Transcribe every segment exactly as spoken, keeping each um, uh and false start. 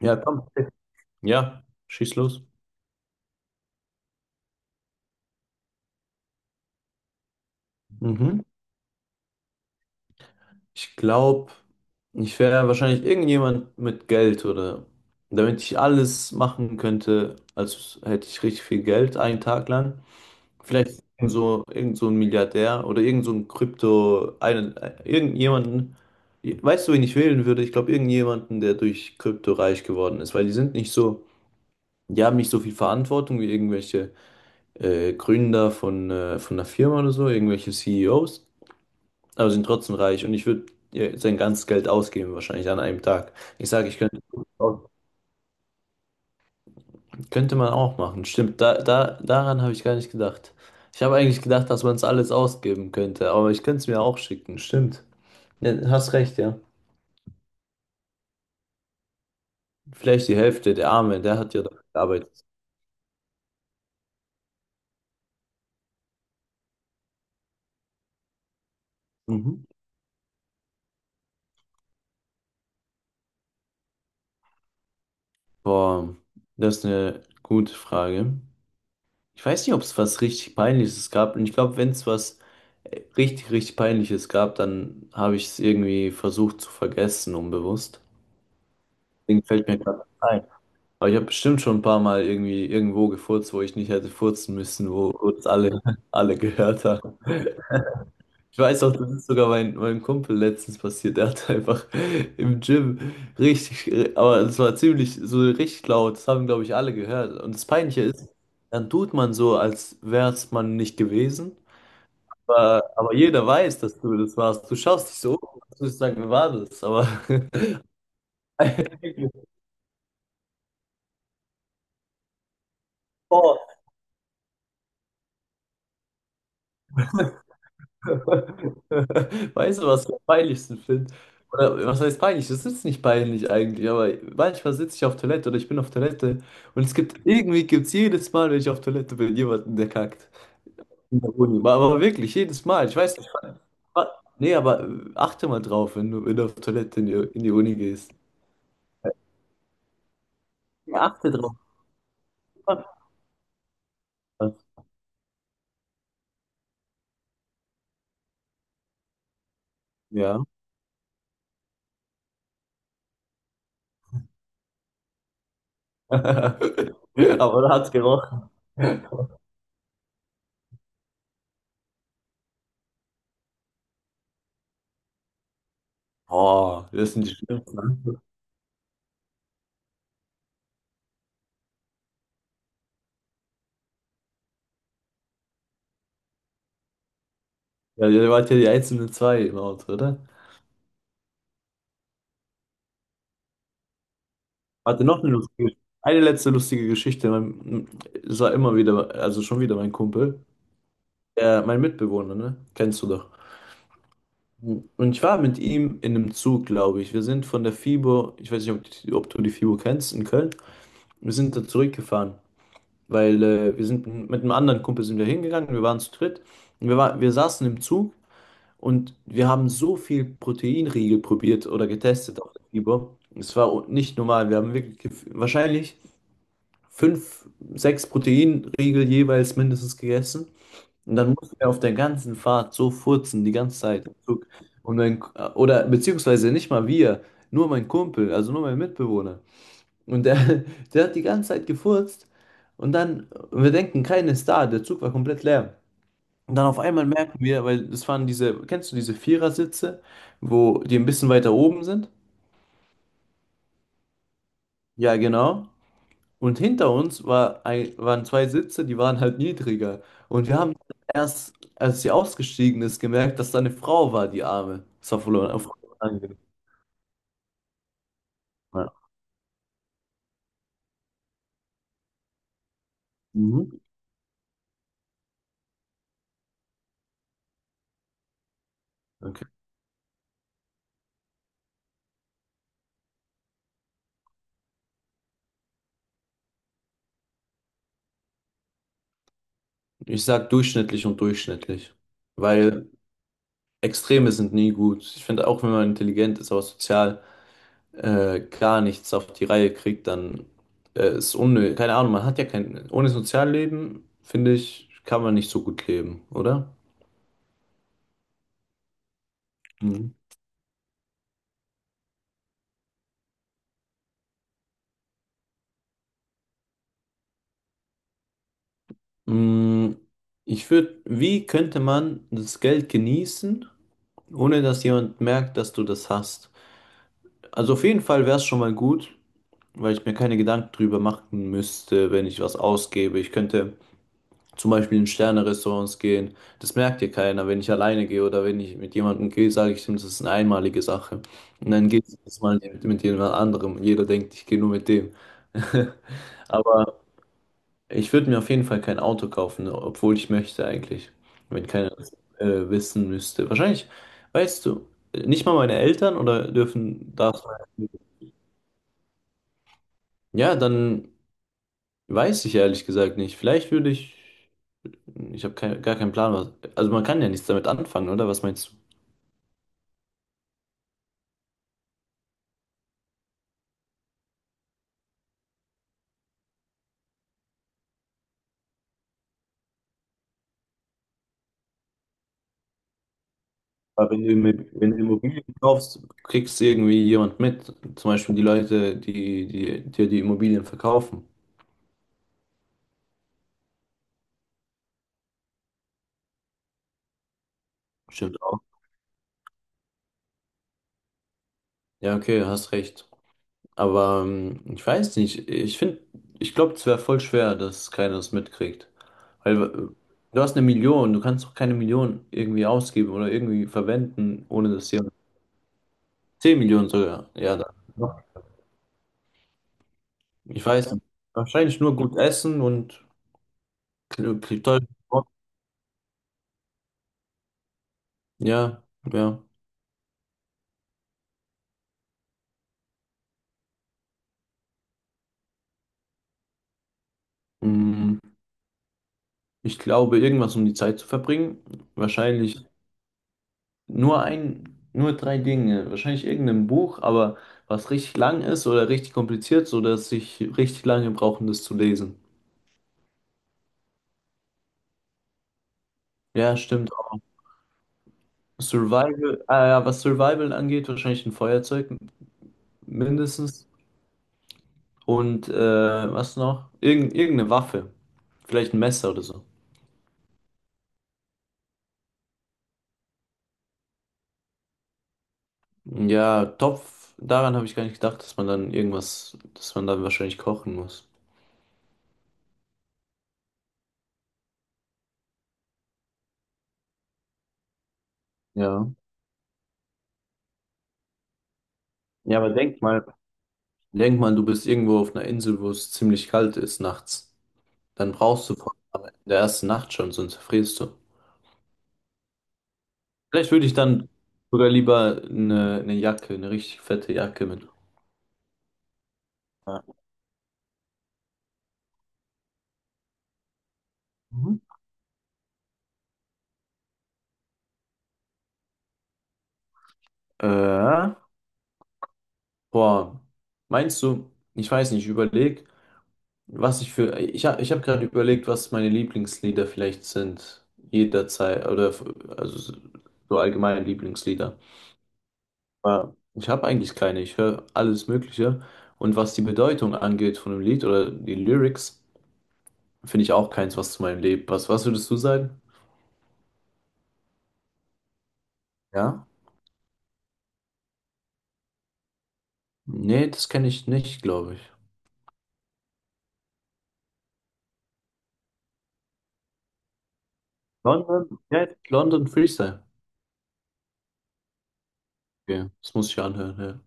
Ja, komm. Ja, schieß los. Mhm. Ich glaube, ich wäre wahrscheinlich irgendjemand mit Geld oder damit ich alles machen könnte, als hätte ich richtig viel Geld einen Tag lang. Vielleicht so irgend so ein Milliardär oder irgend so ein Krypto, einen, irgendjemanden, weißt du, wen ich wählen würde? Ich glaube, irgendjemanden, der durch Krypto reich geworden ist, weil die sind nicht so, die haben nicht so viel Verantwortung wie irgendwelche äh, Gründer von, äh, von einer Firma oder so, irgendwelche C E Os. Aber sind trotzdem reich und ich würde sein ganzes Geld ausgeben, wahrscheinlich an einem Tag. Ich sage, ich könnte, könnte man auch machen. Stimmt, da, da, daran habe ich gar nicht gedacht. Ich habe eigentlich gedacht, dass man es alles ausgeben könnte, aber ich könnte es mir auch schicken. Stimmt. Ja, hast recht, ja. Vielleicht die Hälfte, der Arme, der hat ja dafür gearbeitet. Mhm. Boah, das ist eine gute Frage. Ich weiß nicht, ob es was richtig Peinliches gab. Und ich glaube, wenn es was äh, richtig, richtig Peinliches gab, dann habe ich es irgendwie versucht zu vergessen, unbewusst. Deswegen fällt mir gerade ein. Aber ich habe bestimmt schon ein paar Mal irgendwie irgendwo gefurzt, wo ich nicht hätte furzen müssen, wo kurz alle, alle gehört haben. Ich weiß auch, das ist sogar mein, meinem Kumpel letztens passiert. Der hat einfach im Gym richtig, aber es war ziemlich so richtig laut. Das haben, glaube ich, alle gehört. Und das Peinliche ist, dann tut man so, als wäre es man nicht gewesen. Aber, aber jeder weiß, dass du das warst. Du schaust dich so um, als würdest du sagen, wer war das? Aber oh, weißt du, was ich am peinlichsten finde? Oder was heißt peinlich? Das ist nicht peinlich eigentlich, aber manchmal sitze ich auf Toilette oder ich bin auf Toilette und es gibt irgendwie gibt's jedes Mal, wenn ich auf Toilette bin, jemanden, der kackt. In der Uni. Aber, aber wirklich, jedes Mal. Ich weiß nicht. wa- Nee, aber äh, achte mal drauf, wenn du, wenn du auf Toilette in die, in die Uni gehst. Ja, achte drauf. Ja. Aber da hat's gerochen. Oh, das sind die schlimmsten. Ja, ihr wart ja die einzelnen zwei im Auto. Warte, noch eine lustige, eine letzte lustige Geschichte. Mein, es war immer wieder, also schon wieder mein Kumpel, der, mein Mitbewohner, ne? Kennst du doch. Und ich war mit ihm in einem Zug, glaube ich. Wir sind von der FIBO, ich weiß nicht, ob, die- ob du die FIBO kennst, in Köln. Wir sind da zurückgefahren, weil äh, wir sind mit einem anderen Kumpel sind wir hingegangen, wir waren zu dritt. Und wir, war, wir saßen im Zug und wir haben so viel Proteinriegel probiert oder getestet auf der FIBO. Es war nicht normal. Wir haben wirklich, gef- wahrscheinlich, fünf, sechs Proteinriegel jeweils mindestens gegessen. Und dann musst du ja auf der ganzen Fahrt so furzen, die ganze Zeit, im Zug. Und mein, oder beziehungsweise nicht mal wir, nur mein Kumpel, also nur mein Mitbewohner. Und der, der hat die ganze Zeit gefurzt. Und dann, und wir denken, keiner ist da, der Zug war komplett leer. Und dann auf einmal merken wir, weil das waren diese, kennst du diese Vierersitze, wo die ein bisschen weiter oben sind? Ja, genau. Und hinter uns war ein, waren zwei Sitze, die waren halt niedriger. Und wir haben erst, als sie ausgestiegen ist, gemerkt, dass da eine Frau war, die Arme. Das war voll un- voll. Ja. Mhm. Okay. Ich sag durchschnittlich und durchschnittlich, weil Extreme sind nie gut. Ich finde, auch wenn man intelligent ist, aber sozial äh, gar nichts auf die Reihe kriegt, dann äh, ist unnötig. Keine Ahnung, man hat ja kein, ohne Sozialleben, finde ich, kann man nicht so gut leben, oder? Mhm. Mm, Ich würde, wie könnte man das Geld genießen, ohne dass jemand merkt, dass du das hast? Also auf jeden Fall wäre es schon mal gut, weil ich mir keine Gedanken drüber machen müsste, wenn ich was ausgebe. Ich könnte zum Beispiel in Sterne-Restaurants gehen. Das merkt dir keiner, wenn ich alleine gehe oder wenn ich mit jemandem gehe, sage ich ihm, das ist eine einmalige Sache. Und dann geht es mal mit, mit jemand anderem. Jeder denkt, ich gehe nur mit dem. Aber ich würde mir auf jeden Fall kein Auto kaufen, obwohl ich möchte eigentlich. Wenn keiner das, äh, wissen müsste. Wahrscheinlich, weißt du, nicht mal meine Eltern oder dürfen das. Ja, dann weiß ich ehrlich gesagt nicht. Vielleicht würde ich. Ich habe kein, gar keinen Plan, was. Also man kann ja nichts damit anfangen, oder? Was meinst du? Aber wenn du, Immo- wenn du Immobilien kaufst, kriegst du irgendwie jemand mit. Zum Beispiel die Leute, die, die dir die Immobilien verkaufen. Stimmt auch. Ja, okay, hast recht. Aber ähm, ich weiß nicht, ich finde, ich glaube, es wäre voll schwer, dass keiner es mitkriegt. Weil äh, du hast eine Million, du kannst doch keine Million irgendwie ausgeben oder irgendwie verwenden, ohne dass jemand. Zehn Millionen sogar, ja, da. Ich weiß nicht. Wahrscheinlich nur gut essen und kl- kl- toll. Ja, ja. Mm, Ich glaube, irgendwas um die Zeit zu verbringen. Wahrscheinlich Nur ein, nur drei Dinge. Wahrscheinlich irgendein Buch, aber was richtig lang ist oder richtig kompliziert, sodass ich richtig lange brauche, um das zu lesen. Ja, stimmt auch. Survival, ah ja, was Survival angeht, wahrscheinlich ein Feuerzeug mindestens. Und äh, was noch? Irgend, irgendeine Waffe. Vielleicht ein Messer oder so. Ja, Topf, daran habe ich gar nicht gedacht, dass man dann irgendwas, dass man dann wahrscheinlich kochen muss. Ja. Ja, aber denk mal, denk mal, du bist irgendwo auf einer Insel, wo es ziemlich kalt ist nachts. Dann brauchst du vor allem in der ersten Nacht schon, sonst frierst du. Vielleicht würde ich dann sogar lieber eine, eine Jacke, eine richtig fette Jacke mit. Ja. Mhm. Äh, boah, meinst du, ich weiß nicht, ich überleg, was ich für, ich habe ich hab gerade überlegt, was meine Lieblingslieder vielleicht sind, jederzeit, oder, f- also so allgemeine Lieblingslieder. Aber ich habe eigentlich keine, ich höre alles Mögliche. Und was die Bedeutung angeht von dem Lied oder die Lyrics, finde ich auch keins, was zu meinem Leben passt. Was würdest du sagen? Ja? Nee, das kenne ich nicht, glaube ich. London? Ja, London Freestyle. Okay, das muss ich anhören, ja.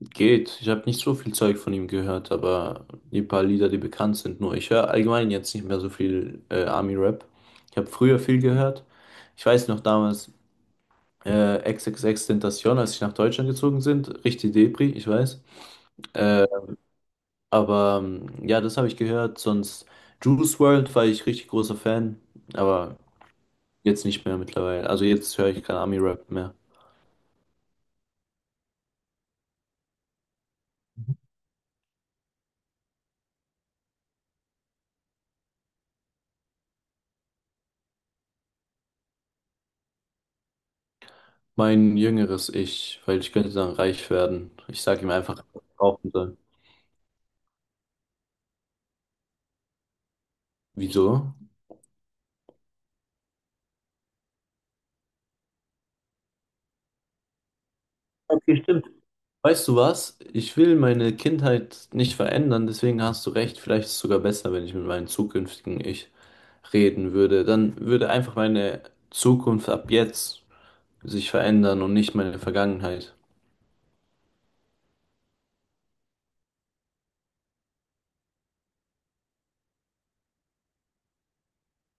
Geht. Ich habe nicht so viel Zeug von ihm gehört, aber die paar Lieder, die bekannt sind, nur ich höre allgemein jetzt nicht mehr so viel äh, Army-Rap. Ich habe früher viel gehört. Ich weiß noch damals, äh, XXXTentacion, als ich nach Deutschland gezogen sind, richtig Depri, ich weiß. Äh, Aber ähm, ja, das habe ich gehört. Sonst Juice World war ich richtig großer Fan, aber jetzt nicht mehr mittlerweile. Also jetzt höre ich kein Ami-Rap mehr. Mein jüngeres Ich, weil ich könnte dann reich werden. Ich sage ihm einfach, was ich kaufen soll. Wieso? Okay, stimmt. Weißt du was? Ich will meine Kindheit nicht verändern, deswegen hast du recht. Vielleicht ist es sogar besser, wenn ich mit meinem zukünftigen Ich reden würde. Dann würde einfach meine Zukunft ab jetzt sich verändern und nicht meine Vergangenheit.